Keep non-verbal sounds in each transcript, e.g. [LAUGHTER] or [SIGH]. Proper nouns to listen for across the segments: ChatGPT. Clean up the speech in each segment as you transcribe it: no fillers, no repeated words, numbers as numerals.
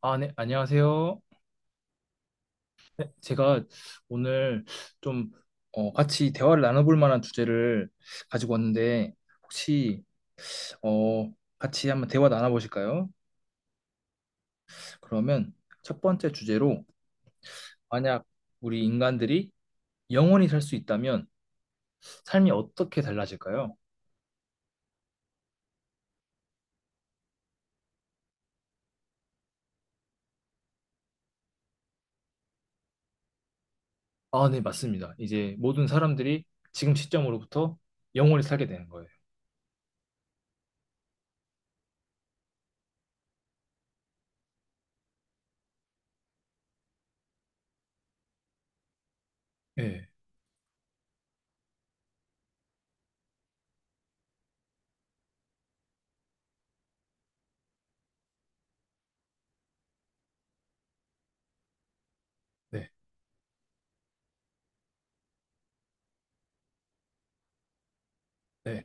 아, 네, 안녕하세요. 제가 오늘 좀 같이 대화를 나눠볼 만한 주제를 가지고 왔는데, 혹시 어, 같이 한번 대화 나눠보실까요? 그러면 첫 번째 주제로, 만약 우리 인간들이 영원히 살 수 있다면 삶이 어떻게 달라질까요? 아, 네, 맞습니다. 이제 모든 사람들이 지금 시점으로부터 영원히 살게 되는 거예요. 네, 네, 네.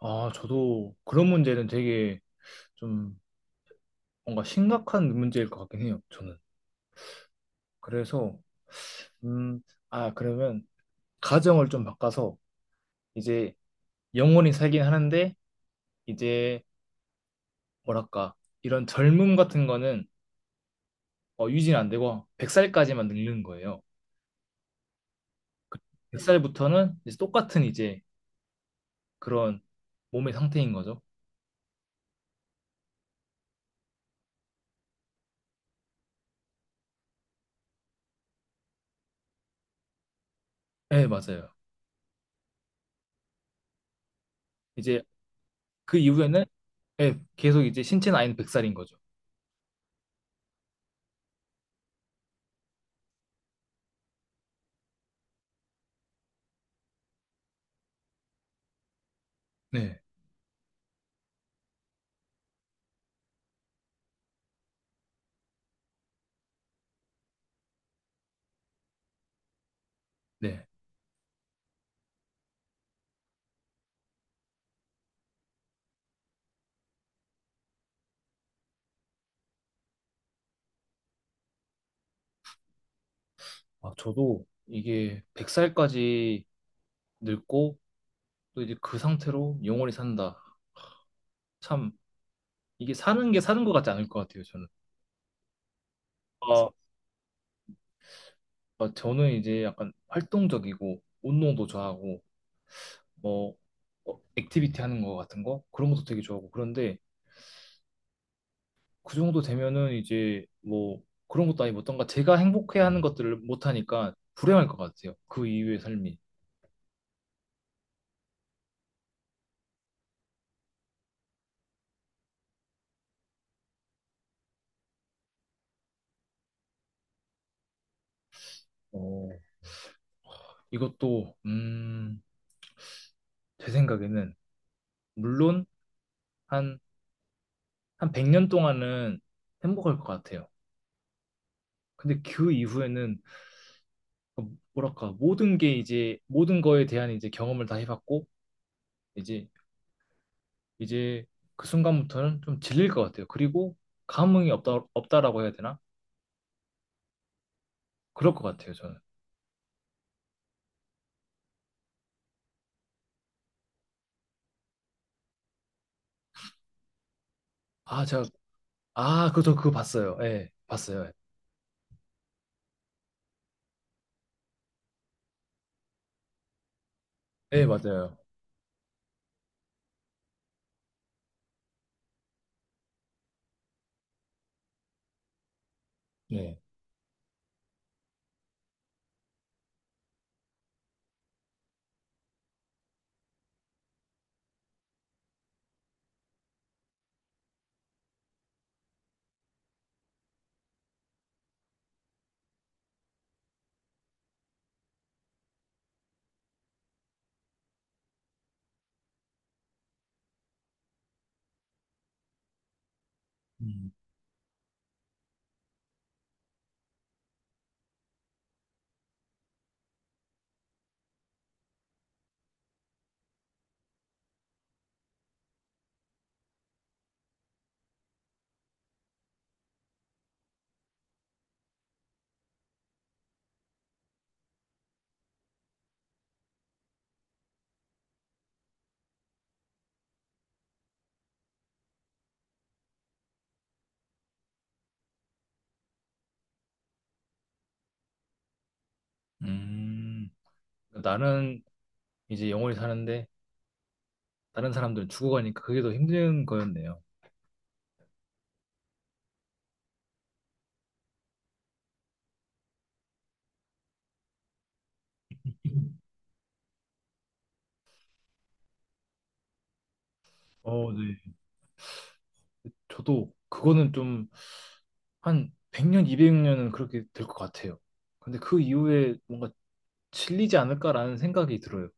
아, 저도 그런 문제는 되게 좀 뭔가 심각한 문제일 것 같긴 해요, 저는. 그래서, 음, 아, 그러면 가정을 좀 바꿔서 이제 영원히 살긴 하는데, 이제 뭐랄까, 이런 젊음 같은 거는 유지는 안 되고 100살까지만 늙는 거예요. 100살부터는 이제 똑같은 이제 그런 몸의 상태인 거죠. 네, 맞아요. 이제 그 이후에는, 네, 계속 이제 신체 나이는 100살인 거죠. 네, 네. 아, 저도 이게 100살까지 늙고 또 이제 그 상태로 영원히 산다. 참 이게 사는 게 사는 것 같지 않을 것 같아요. 저는. 아, 아, 저는 이제 약간 활동적이고 운동도 좋아하고 뭐 액티비티 하는 거 같은 거 그런 것도 되게 좋아하고 그런데 그 정도 되면은 이제 뭐 그런 것도 아니고 어떤가 제가 행복해 하는 것들을 못 하니까 불행할 것 같아요. 그 이후의 삶이. 어, 이것도 제 생각에는 물론 한 한 100년 동안은 행복할 것 같아요. 근데 그 이후에는 뭐랄까 모든 게 이제 모든 거에 대한 이제 경험을 다 해봤고 이제 이제 그 순간부터는 좀 질릴 것 같아요. 그리고 감흥이 없다, 없다라고 해야 되나? 그럴 것 같아요. 저는. 아, 제가, 아, 그저 그거 봤어요. 예, 봤어요. 예. 예, 맞아요. 네. 음. 음. 나는 이제 영원히 사는데 다른 사람들은 죽어가니까 그게 더 힘든 거였네요. 네. 저도 그거는 좀 한 100년, 200년은 그렇게 될 것 같아요. 근데 그 이후에 뭔가 질리지 않을까라는 생각이 들어요.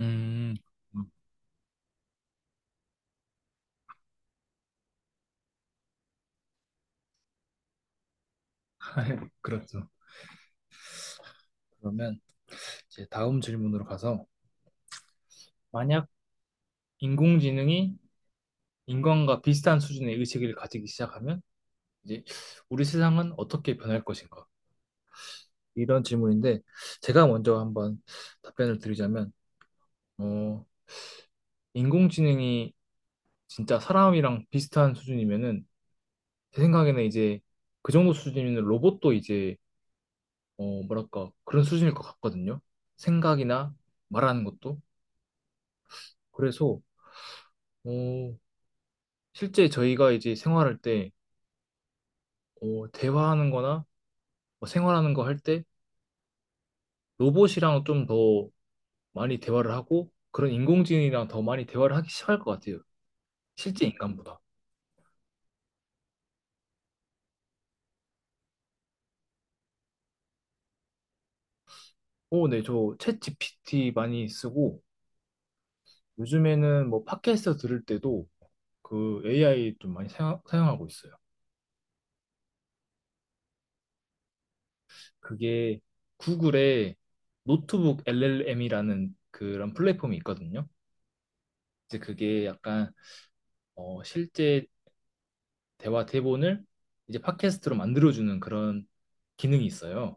음, [LAUGHS] 그렇죠. 그러면 이제 다음 질문으로 가서 만약 인공지능이 인간과 비슷한 수준의 의식을 가지기 시작하면 이제 우리 세상은 어떻게 변할 것인가? 이런 질문인데 제가 먼저 한번 답변을 드리자면, 어, 인공지능이 진짜 사람이랑 비슷한 수준이면은 제 생각에는 이제 그 정도 수준이면 로봇도 이제 뭐랄까 그런 수준일 것 같거든요. 생각이나 말하는 것도. 그래서 어 실제 저희가 이제 생활할 때 대화하는 거나 뭐 생활하는 거 할 때 로봇이랑 좀 더 많이 대화를 하고 그런 인공지능이랑 더 많이 대화를 하기 시작할 것 같아요. 실제 인간보다. 네, 저 챗 GPT 많이 쓰고 요즘에는 뭐 팟캐스트 들을 때도 그 AI 좀 많이 사용하고 있어요. 그게 구글의 노트북 LLM이라는 그런 플랫폼이 있거든요. 이제 그게 약간 실제 대화 대본을 이제 팟캐스트로 만들어주는 그런 기능이 있어요.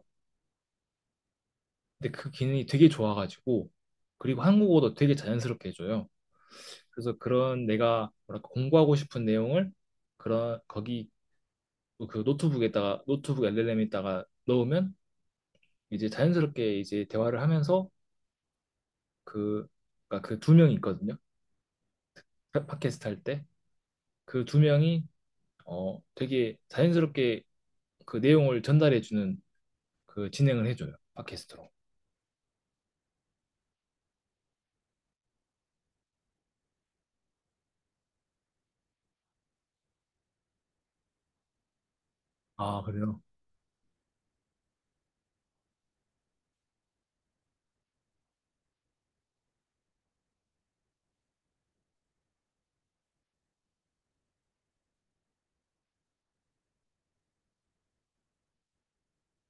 근데 그 기능이 되게 좋아가지고, 그리고 한국어도 되게 자연스럽게 해줘요. 그래서 그런 내가 뭐랄까 공부하고 싶은 내용을 그런 거기, 그 노트북에다가, 노트북 LLM에다가 넣으면 이제 자연스럽게 이제 대화를 하면서 그, 그러니까 그 두 명이 있거든요. 팟캐스트 할 때 그 두 명이 되게 자연스럽게 그 내용을 전달해 주는 그 진행을 해줘요. 팟캐스트로. 아, 그래요?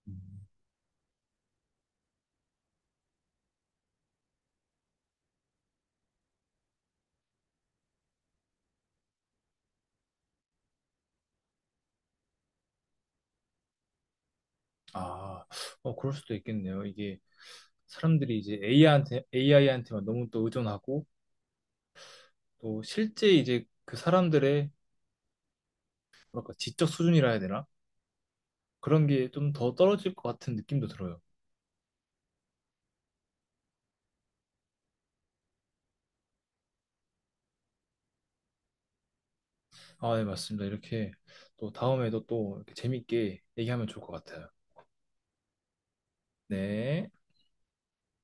음. 아, 그럴 수도 있겠네요. 이게 사람들이 이제 AI한테, AI한테만 너무 또 의존하고 또 실제 이제 그 사람들의 뭐랄까 지적 수준이라 해야 되나? 그런 게 좀 더 떨어질 것 같은 느낌도 들어요. 아, 네, 맞습니다. 이렇게 또 다음에도 또 이렇게 재밌게 얘기하면 좋을 것 같아요. 네.